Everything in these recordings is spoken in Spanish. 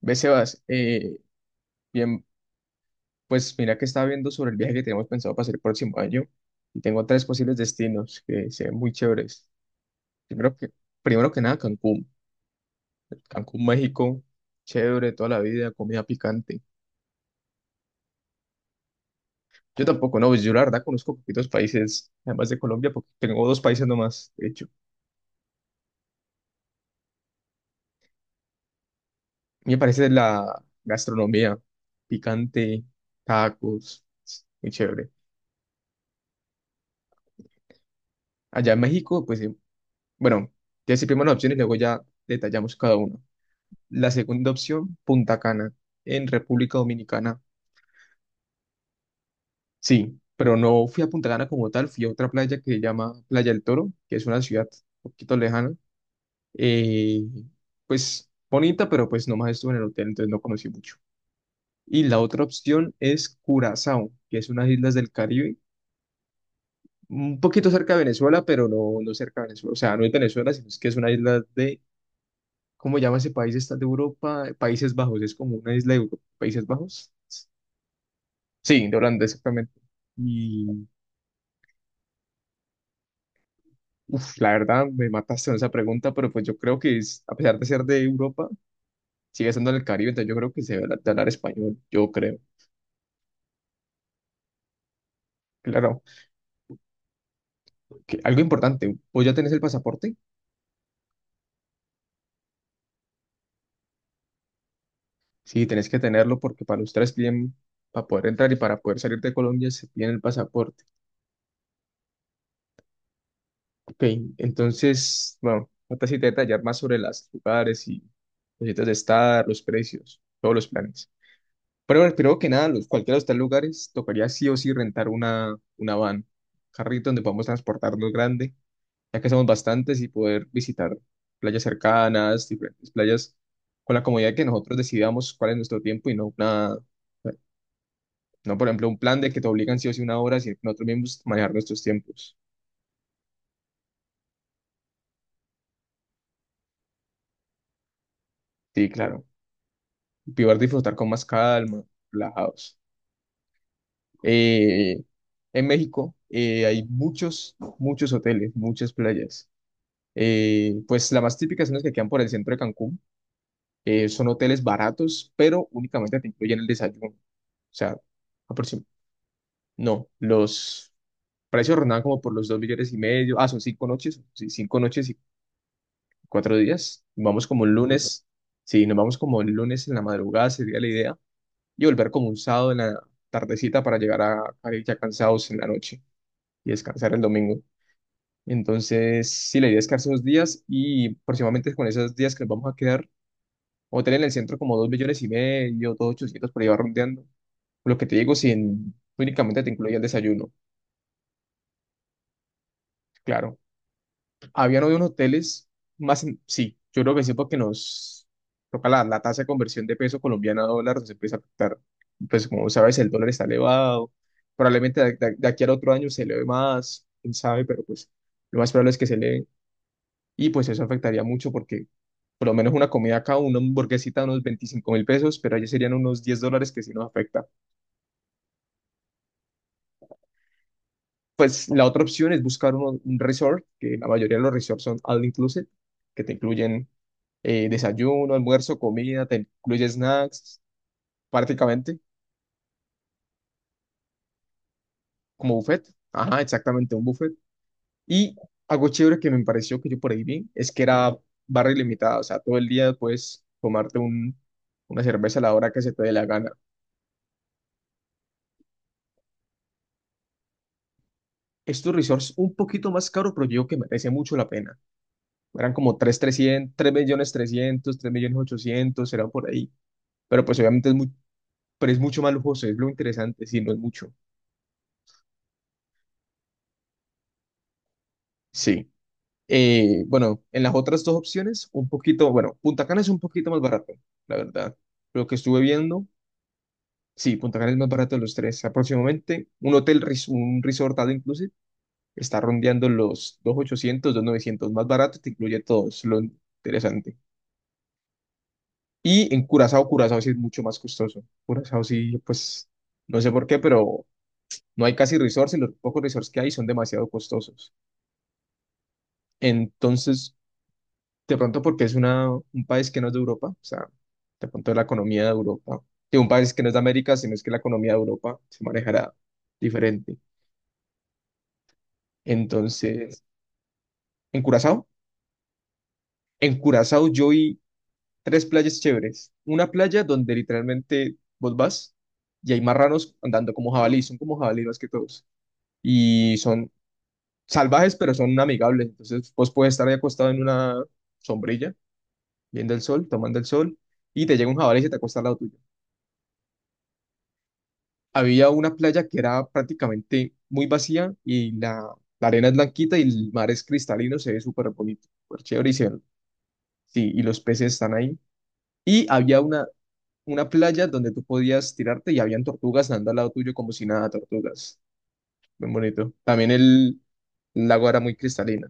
Ve, Sebas, bien, pues mira que estaba viendo sobre el viaje que tenemos pensado para hacer el próximo año y tengo tres posibles destinos que se ven muy chéveres. Primero que, primero que nada, Cancún. Cancún, México, chévere, toda la vida, comida picante. Yo tampoco, no, pues yo la verdad conozco poquitos países, además de Colombia, porque tengo dos países nomás, de hecho. Me parece la gastronomía picante, tacos, es muy chévere. Allá en México, bueno, ya decir primero las opciones y luego ya detallamos cada uno. La segunda opción, Punta Cana, en República Dominicana. Sí, pero no fui a Punta Cana como tal, fui a otra playa que se llama Playa del Toro, que es una ciudad un poquito lejana. eh, pues bonita, pero pues nomás estuve en el hotel, entonces no conocí mucho. Y la otra opción es Curazao, que es unas islas del Caribe, un poquito cerca de Venezuela, pero no, no cerca de Venezuela. O sea, no es Venezuela, sino es que es una isla de, ¿cómo llama ese país? Está de Europa, Países Bajos, es como una isla de Europa, Países Bajos. Sí, de Holanda, exactamente. Y uf, la verdad me mataste con esa pregunta, pero pues yo creo que a pesar de ser de Europa, sigue siendo del Caribe, entonces yo creo que se debe de hablar español, yo creo. Claro, que algo importante, ¿vos ya tenés el pasaporte? Sí, tenés que tenerlo porque para ustedes bien, para poder entrar y para poder salir de Colombia se piden el pasaporte. Ok, entonces, bueno, falta sí detallar más sobre los lugares y los sitios de estar, los precios, todos los planes. Pero creo que nada, los, cualquiera de estos lugares tocaría sí o sí rentar una van, carrito donde podamos transportarnos grande, ya que somos bastantes y poder visitar playas cercanas, diferentes playas, con la comodidad de que nosotros decidamos cuál es nuestro tiempo y no una, no por ejemplo un plan de que te obligan sí o sí una hora, sino que nosotros mismos manejar nuestros tiempos. Sí, claro. Y poder disfrutar con más calma, relajados. Eh, en México hay muchos, muchos hoteles, muchas playas. Pues las más típicas son las que quedan por el centro de Cancún. Son hoteles baratos, pero únicamente te incluyen el desayuno. O sea, aproxim- no, los precios rondaban como por los 2.500.000. Ah, son 5 noches. Sí, 5 noches y 4 días. Vamos como el lunes. Sí, nos vamos como el lunes en la madrugada, sería la idea. Y volver como un sábado en la tardecita para llegar a ir ya cansados en la noche y descansar el domingo. Entonces, sí, la idea es quedarse unos días y aproximadamente con esos días que nos vamos a quedar. Hotel en el centro como 2.500.000, dos ochocientos por ahí va rondeando. Lo que te digo, sin únicamente te incluía el desayuno, claro. Habían hoy unos hoteles sí, yo creo que sí porque nos toca la tasa de conversión de peso colombiano a dólar, nos empieza a afectar. Pues como sabes, el dólar está elevado, probablemente de aquí al otro año se eleve más, quién sabe, pero pues lo más probable es que se eleve. Y pues eso afectaría mucho porque por lo menos una comida acá, una hamburguesita, unos 25.000 pesos, pero allá serían unos 10 dólares que sí nos afecta. Pues la otra opción es buscar un resort, que la mayoría de los resorts son all inclusive, que te incluyen desayuno, almuerzo, comida, te incluye snacks, prácticamente, como buffet. Ajá, exactamente, un buffet. Y algo chévere que me pareció que yo por ahí vi es que era barra ilimitada, o sea, todo el día puedes tomarte una cerveza a la hora que se te dé la gana. Estos resorts un poquito más caros, pero yo digo que merece mucho la pena. Eran como tres trescientos mil, tres millones trescientos mil, tres millones 3.300, 3.300.000, 3.800.000, eran por ahí. Pero pues obviamente es muy, pero es mucho más lujoso, es lo interesante, sí, no es mucho. Sí. Bueno, en las otras dos opciones, un poquito, bueno, Punta Cana es un poquito más barato, la verdad. Lo que estuve viendo, sí, Punta Cana es más barato de los tres. Aproximadamente un hotel, un resort all inclusive, está rondeando los 2.800, novecientos más barato, te incluye todo, es lo interesante. Y en Curazao, Curazao sí es mucho más costoso. Curazao sí, pues, no sé por qué, pero no hay casi resorts y los pocos resorts que hay son demasiado costosos. Entonces, de pronto porque es un país que no es de Europa, o sea, de pronto la economía de Europa, de un país que no es de América, sino es que la economía de Europa se manejará diferente. Entonces, ¿en Curazao? En Curazao yo vi tres playas chéveres. Una playa donde literalmente vos vas y hay marranos andando como jabalí, son como jabalí más que todos. Y son salvajes, pero son amigables. Entonces, vos puedes estar ahí acostado en una sombrilla, viendo el sol, tomando el sol, y te llega un jabalí y se te acuesta al lado tuyo. Había una playa que era prácticamente muy vacía y la arena es blanquita y el mar es cristalino, se ve súper bonito, súper chévere sí, y los peces están ahí. Y había una playa donde tú podías tirarte y habían tortugas andando al lado tuyo como si nada, tortugas. Muy bonito. También el lago era muy cristalino.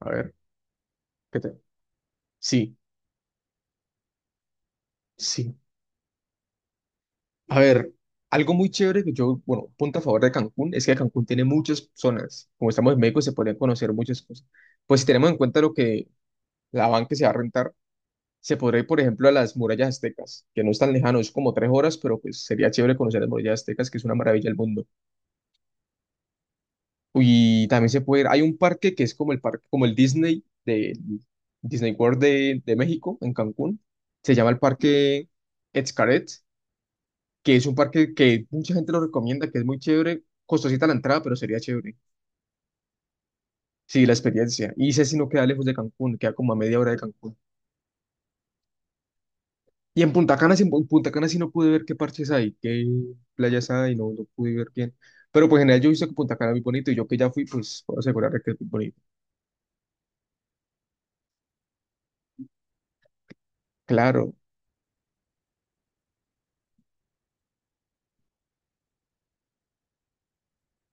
A ver, ¿qué te...? Sí, sí. A ver. Algo muy chévere que yo, bueno, punto a favor de Cancún es que Cancún tiene muchas zonas. Como estamos en México, se podrían conocer muchas cosas. Pues si tenemos en cuenta lo que la van que se va a rentar, se podría ir, por ejemplo, a las murallas aztecas, que no es tan lejano, es como 3 horas, pero pues sería chévere conocer las murallas aztecas, que es una maravilla del mundo. Y también se puede ir, hay un parque que es como el parque, como el Disney de Disney World de México, en Cancún, se llama el Parque Xcaret, que es un parque que mucha gente lo recomienda, que es muy chévere, costosita la entrada, pero sería chévere. Sí, la experiencia. Y ese sí no queda lejos de Cancún, queda como a media hora de Cancún. Y en Punta Cana, en Punta Cana sí no pude ver qué parches hay, qué playas hay, no, no pude ver bien. Pero pues en general yo he visto que Punta Cana es muy bonito y yo que ya fui, pues puedo asegurar que es muy bonito. Claro,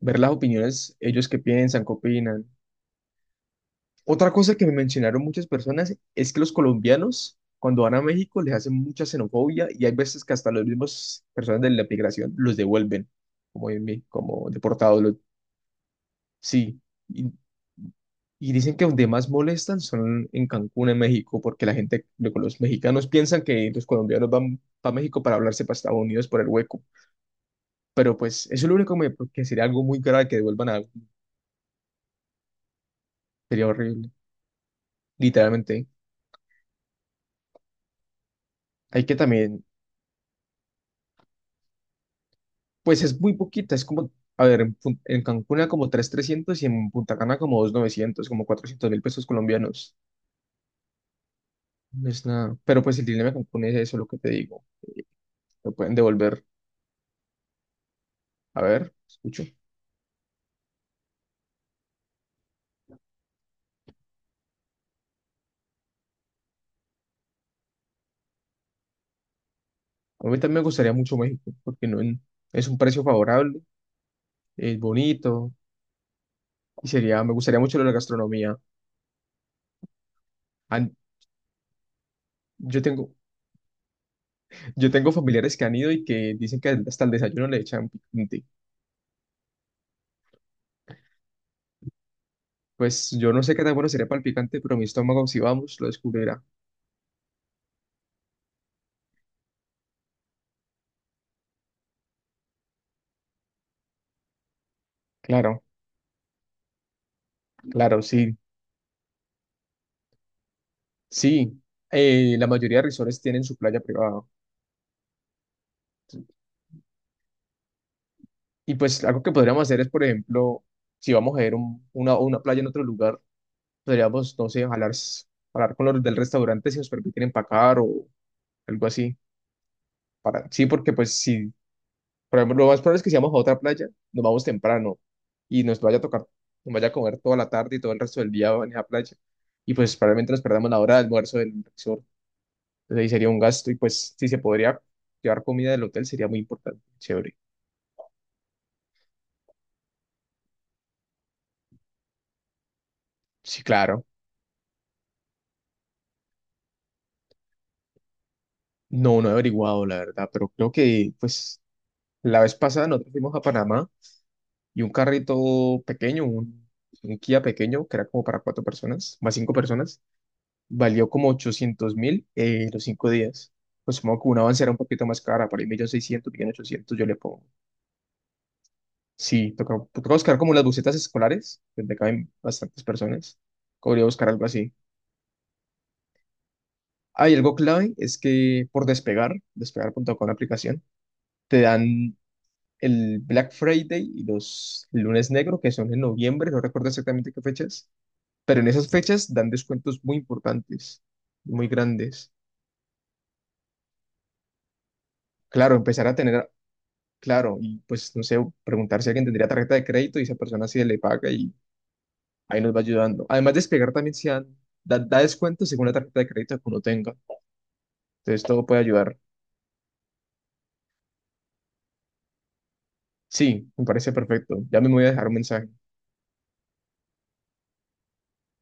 ver las opiniones, ellos qué piensan, qué opinan. Otra cosa que me mencionaron muchas personas es que los colombianos cuando van a México les hacen mucha xenofobia y hay veces que hasta los mismos personas de la migración los devuelven, como, en mí, como deportados. Sí, y y dicen que donde más molestan son en Cancún, en México, porque la gente, luego los mexicanos piensan que los colombianos van a México para hablarse para Estados Unidos por el hueco. Pero pues eso es lo único que sería algo muy grave que devuelvan a... Sería horrible, literalmente. Hay que también, pues es muy poquita, es como, a ver, en Cancún era como 3.300 y en Punta Cana como 2.900 como 400.000 pesos colombianos. No es nada. Pero pues el dilema de Cancún es eso, lo que te digo. Lo pueden devolver. A ver, escucho. A mí también me gustaría mucho México, porque no en- es un precio favorable, es bonito y sería, me gustaría mucho lo de la gastronomía. Han- yo tengo, yo tengo familiares que han ido y que dicen que hasta el desayuno le echan picante. Pues yo no sé qué tan bueno sería para el picante, pero mi estómago, si vamos, lo descubrirá. Claro, claro, sí, sí. La mayoría de resorts tienen su playa privada. Y pues algo que podríamos hacer es, por ejemplo, si vamos a ir a una playa en otro lugar, podríamos, no sé, hablar con los del restaurante si nos permiten empacar o algo así. Para, sí, porque pues si, por ejemplo, lo más probable es que si vamos a otra playa, nos vamos temprano y nos vaya a tocar, nos vaya a comer toda la tarde y todo el resto del día en esa playa. Y pues probablemente nos perdamos la hora de almuerzo del resort. Entonces ahí sería un gasto y pues si se podría llevar comida del hotel sería muy importante, chévere. Sí, claro. No, no he averiguado, la verdad, pero creo que pues la vez pasada nosotros fuimos a Panamá y un carrito pequeño, un Kia pequeño, que era como para cuatro personas, más cinco personas, valió como 800.000 los 5 días. Pues supongo que una Avanza era un poquito más cara, por ahí millón seiscientos, millón ochocientos yo le pongo. Sí, toca, toca buscar como las busetas escolares, donde caben bastantes personas. Podría buscar algo así. Hay algo clave, es que por despegar punto despegar.com la aplicación, te dan el Black Friday y los lunes negro, que son en noviembre, no recuerdo exactamente qué fechas, pero en esas fechas dan descuentos muy importantes, muy grandes. Claro, empezar a tener, claro, y pues no sé, preguntar si alguien tendría tarjeta de crédito y esa persona sí le paga y ahí nos va ayudando. Además, despegar también se dan, da descuentos según la tarjeta de crédito que uno tenga. Entonces todo puede ayudar. Sí, me parece perfecto. Ya me voy a dejar un mensaje.